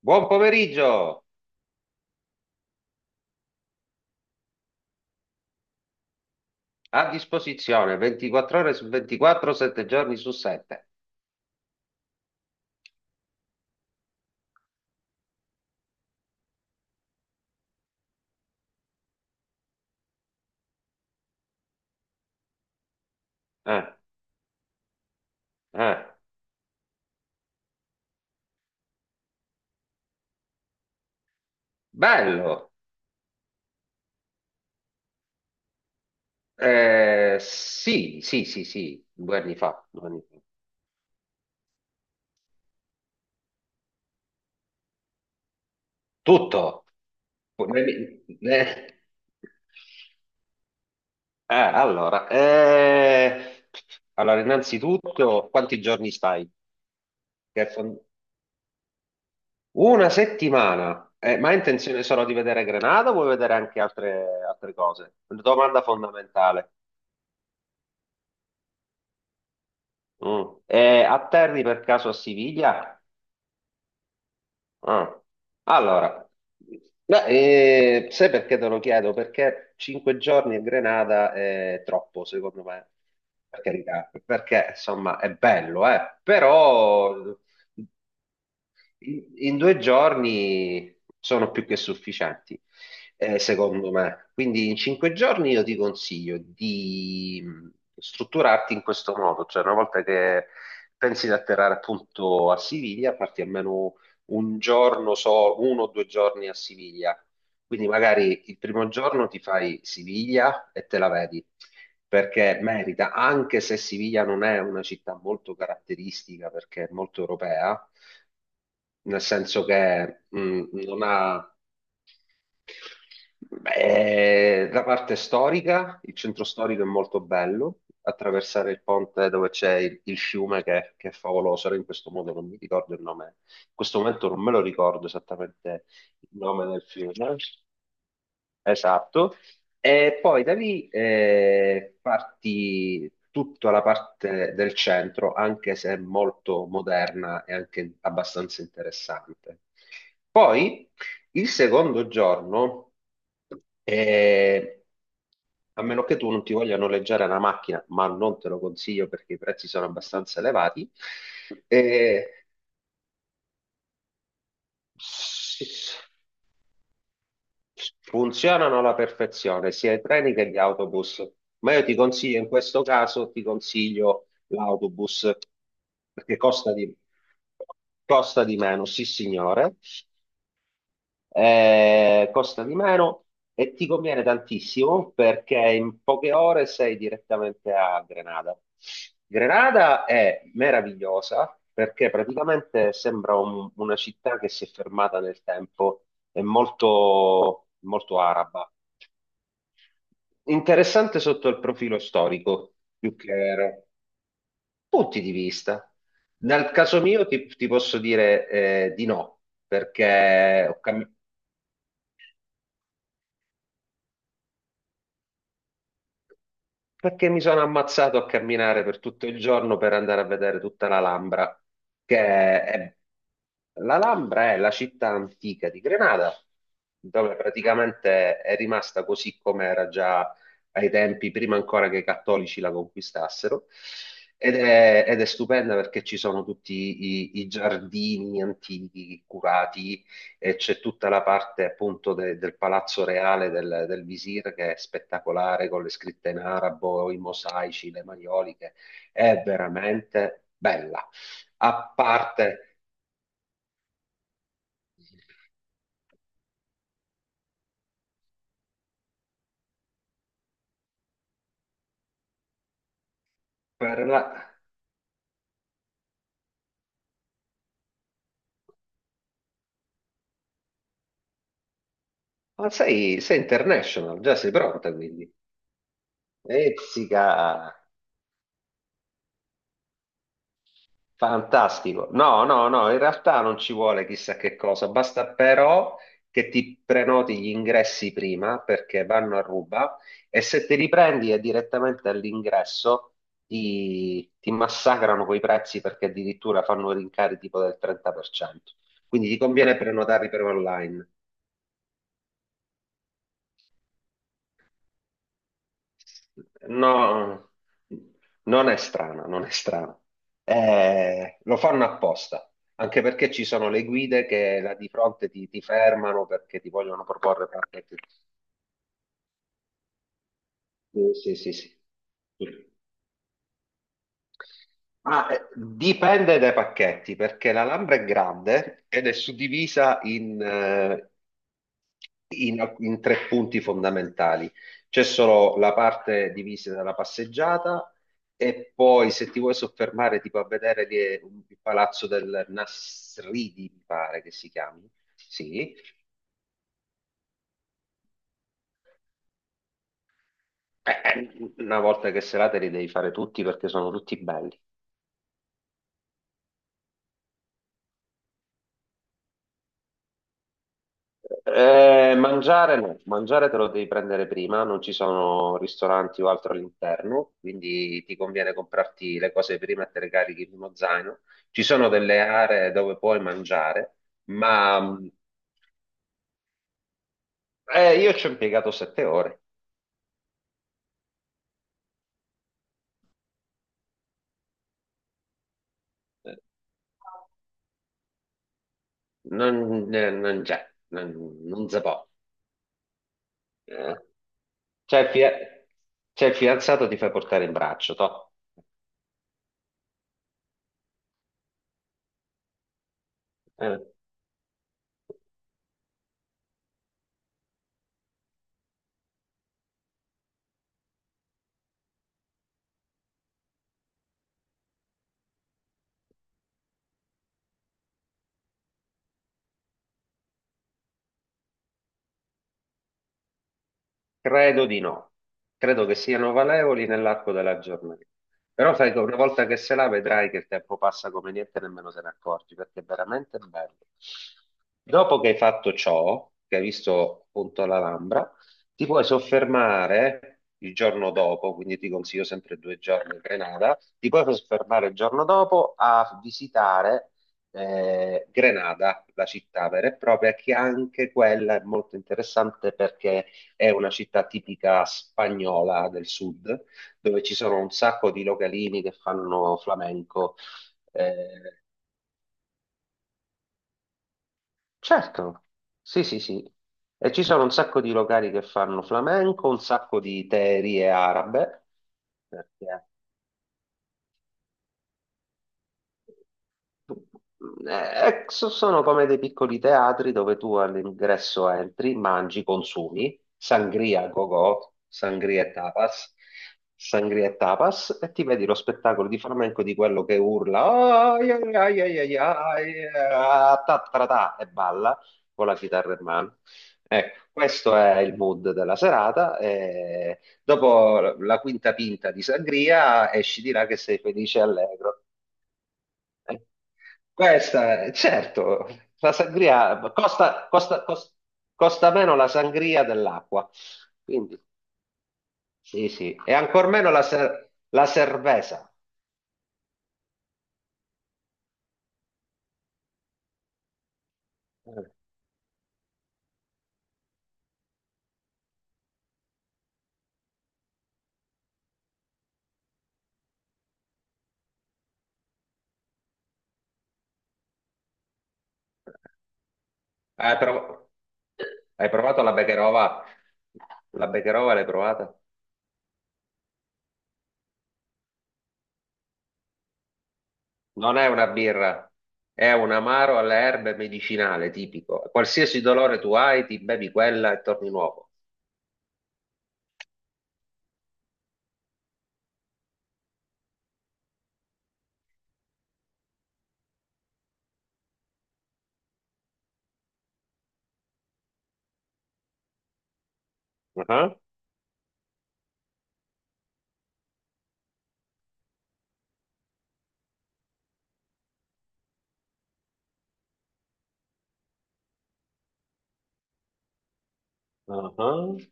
Buon pomeriggio, a disposizione 24 ore su 24, 7 giorni su 7. Eh, eh. Bello. Sì, sì, sì, sì, 2 anni fa, 2 anni fa. Tutto. Ne- ne- Eh, Eh, allora, eh, allora, innanzitutto, quanti giorni stai? Che fon- Una settimana. Ma hai intenzione solo di vedere Grenada o vuoi vedere anche altre, altre cose? Una domanda fondamentale. Mm. E atterri per caso a Siviglia? Ah. Allora, beh, sai perché te lo chiedo? Perché 5 giorni a Grenada è troppo, secondo me. Per carità, perché insomma è bello, eh? Però in 2 giorni sono più che sufficienti, secondo me. Quindi in 5 giorni io ti consiglio di strutturarti in questo modo, cioè una volta che pensi di atterrare appunto a Siviglia, parti almeno un giorno, 1 o 2 giorni a Siviglia. Quindi magari il primo giorno ti fai Siviglia e te la vedi perché merita, anche se Siviglia non è una città molto caratteristica perché è molto europea, nel senso che non ha... Beh, la parte storica, il centro storico è molto bello, attraversare il ponte dove c'è il fiume che è favoloso, ora in questo modo non mi ricordo il nome, in questo momento non me lo ricordo esattamente il nome del fiume. Esatto, e poi da lì parti tutta la parte del centro, anche se molto moderna e anche abbastanza interessante. Poi il secondo giorno, eh, a meno che tu non ti voglia noleggiare una macchina, ma non te lo consiglio perché i prezzi sono abbastanza elevati. eh, Funzionano alla perfezione sia i treni che gli autobus, ma io ti consiglio, in questo caso, ti consiglio l'autobus perché costa di meno, sì signore. Costa di meno e ti conviene tantissimo perché in poche ore sei direttamente a Grenada. Grenada è meravigliosa perché praticamente sembra una città che si è fermata nel tempo, è molto, molto araba. Interessante sotto il profilo storico, più che punti di vista. Nel caso mio ti posso dire di no, perché ho cambiato. Perché mi sono ammazzato a camminare per tutto il giorno per andare a vedere tutta l'Alhambra, che è... L'Alhambra è la città antica di Grenada, dove praticamente è rimasta così come era già ai tempi, prima ancora che i cattolici la conquistassero. Ed è stupenda perché ci sono tutti i giardini antichi curati e c'è tutta la parte appunto del palazzo reale del visir che è spettacolare con le scritte in arabo, i mosaici, le maioliche, è veramente bella. A parte per la... Ma sei international, già sei pronta quindi. Ezzica! Fantastico. No, no, no, in realtà non ci vuole chissà che cosa, basta però che ti prenoti gli ingressi prima perché vanno a ruba e se te li prendi è direttamente all'ingresso ti massacrano quei prezzi perché addirittura fanno rincari tipo del 30%. Quindi ti conviene prenotarli per online. No, non è strana, non è strana. Lo fanno apposta, anche perché ci sono le guide che là di fronte ti fermano perché ti vogliono proporre pacchetti. Sì, sì, sì, sì. Ma dipende dai pacchetti, perché la Lambra è grande ed è suddivisa in tre punti fondamentali. C'è solo la parte divisa dalla passeggiata e poi se ti vuoi soffermare tipo a vedere lì è il palazzo del Nasridi, mi pare che si chiami. Sì. Una volta che serate li devi fare tutti perché sono tutti belli. Mangiare no, mangiare te lo devi prendere prima, non ci sono ristoranti o altro all'interno, quindi ti conviene comprarti le cose prima e te le carichi in uno zaino. Ci sono delle aree dove puoi mangiare, ma io ci ho impiegato 7 ore. Eh, Non, non c'è, non si può. Eh. C'è il fia- c'è il fidanzato, ti fai portare in braccio, toh. Eh. Credo di no, credo che siano valevoli nell'arco della giornata. Però sai che una volta che se la vedrai che il tempo passa come niente, nemmeno se ne accorgi, perché è veramente bello. Dopo che hai fatto ciò, che hai visto appunto l'Alhambra, ti puoi soffermare il giorno dopo, quindi ti consiglio sempre 2 giorni in Grenada, ti puoi soffermare il giorno dopo a visitare Grenada, la città vera e propria, che anche quella è molto interessante perché è una città tipica spagnola del sud, dove ci sono un sacco di localini che fanno flamenco. Eh, certo, sì, sì, sì. E ci sono un sacco di locali che fanno flamenco, un sacco di teerie arabe, perché sono come dei piccoli teatri dove tu all'ingresso entri, mangi, consumi, sangria a go-go, sangria e tapas, e ti vedi lo spettacolo di flamenco di quello che urla "Ai, ai, ai, ai, ai, ai, ah, ta, tra, ta", e balla con la chitarra in mano. Ecco, questo è il mood della serata. E dopo la quinta pinta di sangria esci di là che sei felice e allegro. Eh, certo, la sangria costa meno la sangria dell'acqua, quindi sì, sì, e ancor meno la cerveza. Eh, Hai, prov- hai provato la Becherova? La Becherova l'hai provata? Non è una birra, è un amaro alle erbe medicinale tipico. Qualsiasi dolore tu hai, ti bevi quella e torni nuovo. Ah, ah.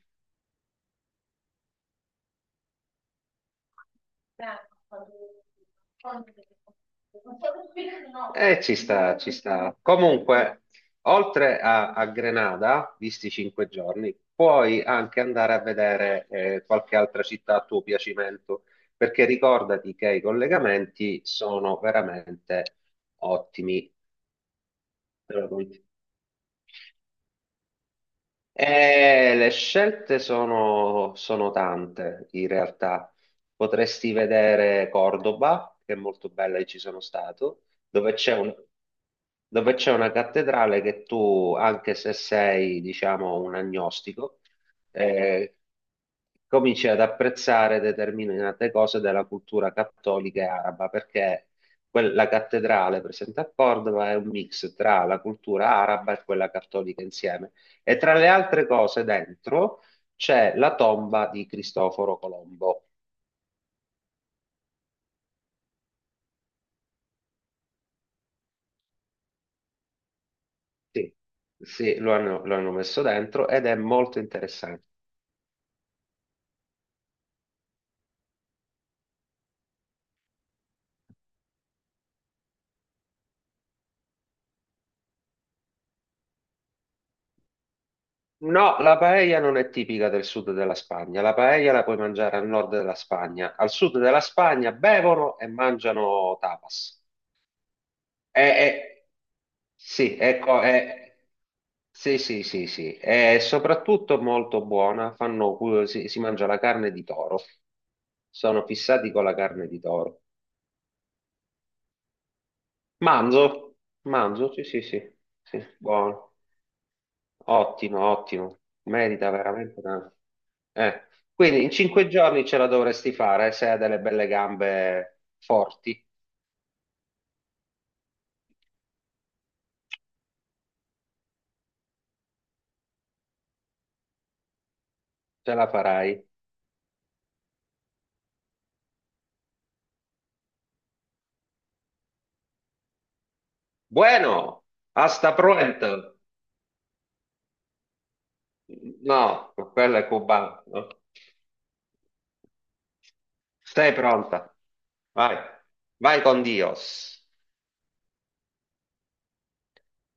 Ci sta, ci sta. Comunque, oltre a Grenada, visti i 5 giorni, puoi anche andare a vedere qualche altra città a tuo piacimento, perché ricordati che i collegamenti sono veramente ottimi. Le scelte sono tante in realtà. Potresti vedere Cordoba, che è molto bella e ci sono stato, dove c'è un- dove c'è una cattedrale che tu, anche se sei, diciamo, un agnostico, eh, cominci ad apprezzare determinate cose della cultura cattolica e araba, perché quella cattedrale presente a Cordova è un mix tra la cultura araba e quella cattolica insieme. E tra le altre cose dentro c'è la tomba di Cristoforo Colombo. Sì, sì, lo hanno messo dentro ed è molto interessante. No, la paella non è tipica del sud della Spagna. La paella la puoi mangiare al nord della Spagna. Al sud della Spagna bevono e mangiano tapas. È, è- sì, ecco, è, sì, sì, sì, sì, è soprattutto molto buona, fanno, si mangia la carne di toro, sono fissati con la carne di toro. Manzo, manzo, sì, sì, sì, sì, buono, ottimo, ottimo, merita veramente tanto. Eh, quindi in cinque giorni ce la dovresti fare, se hai delle belle gambe forti, ce la farai. Bueno, hasta pronto. No, quella è cubana, no? Sei pronta? Vai, vai con Dios.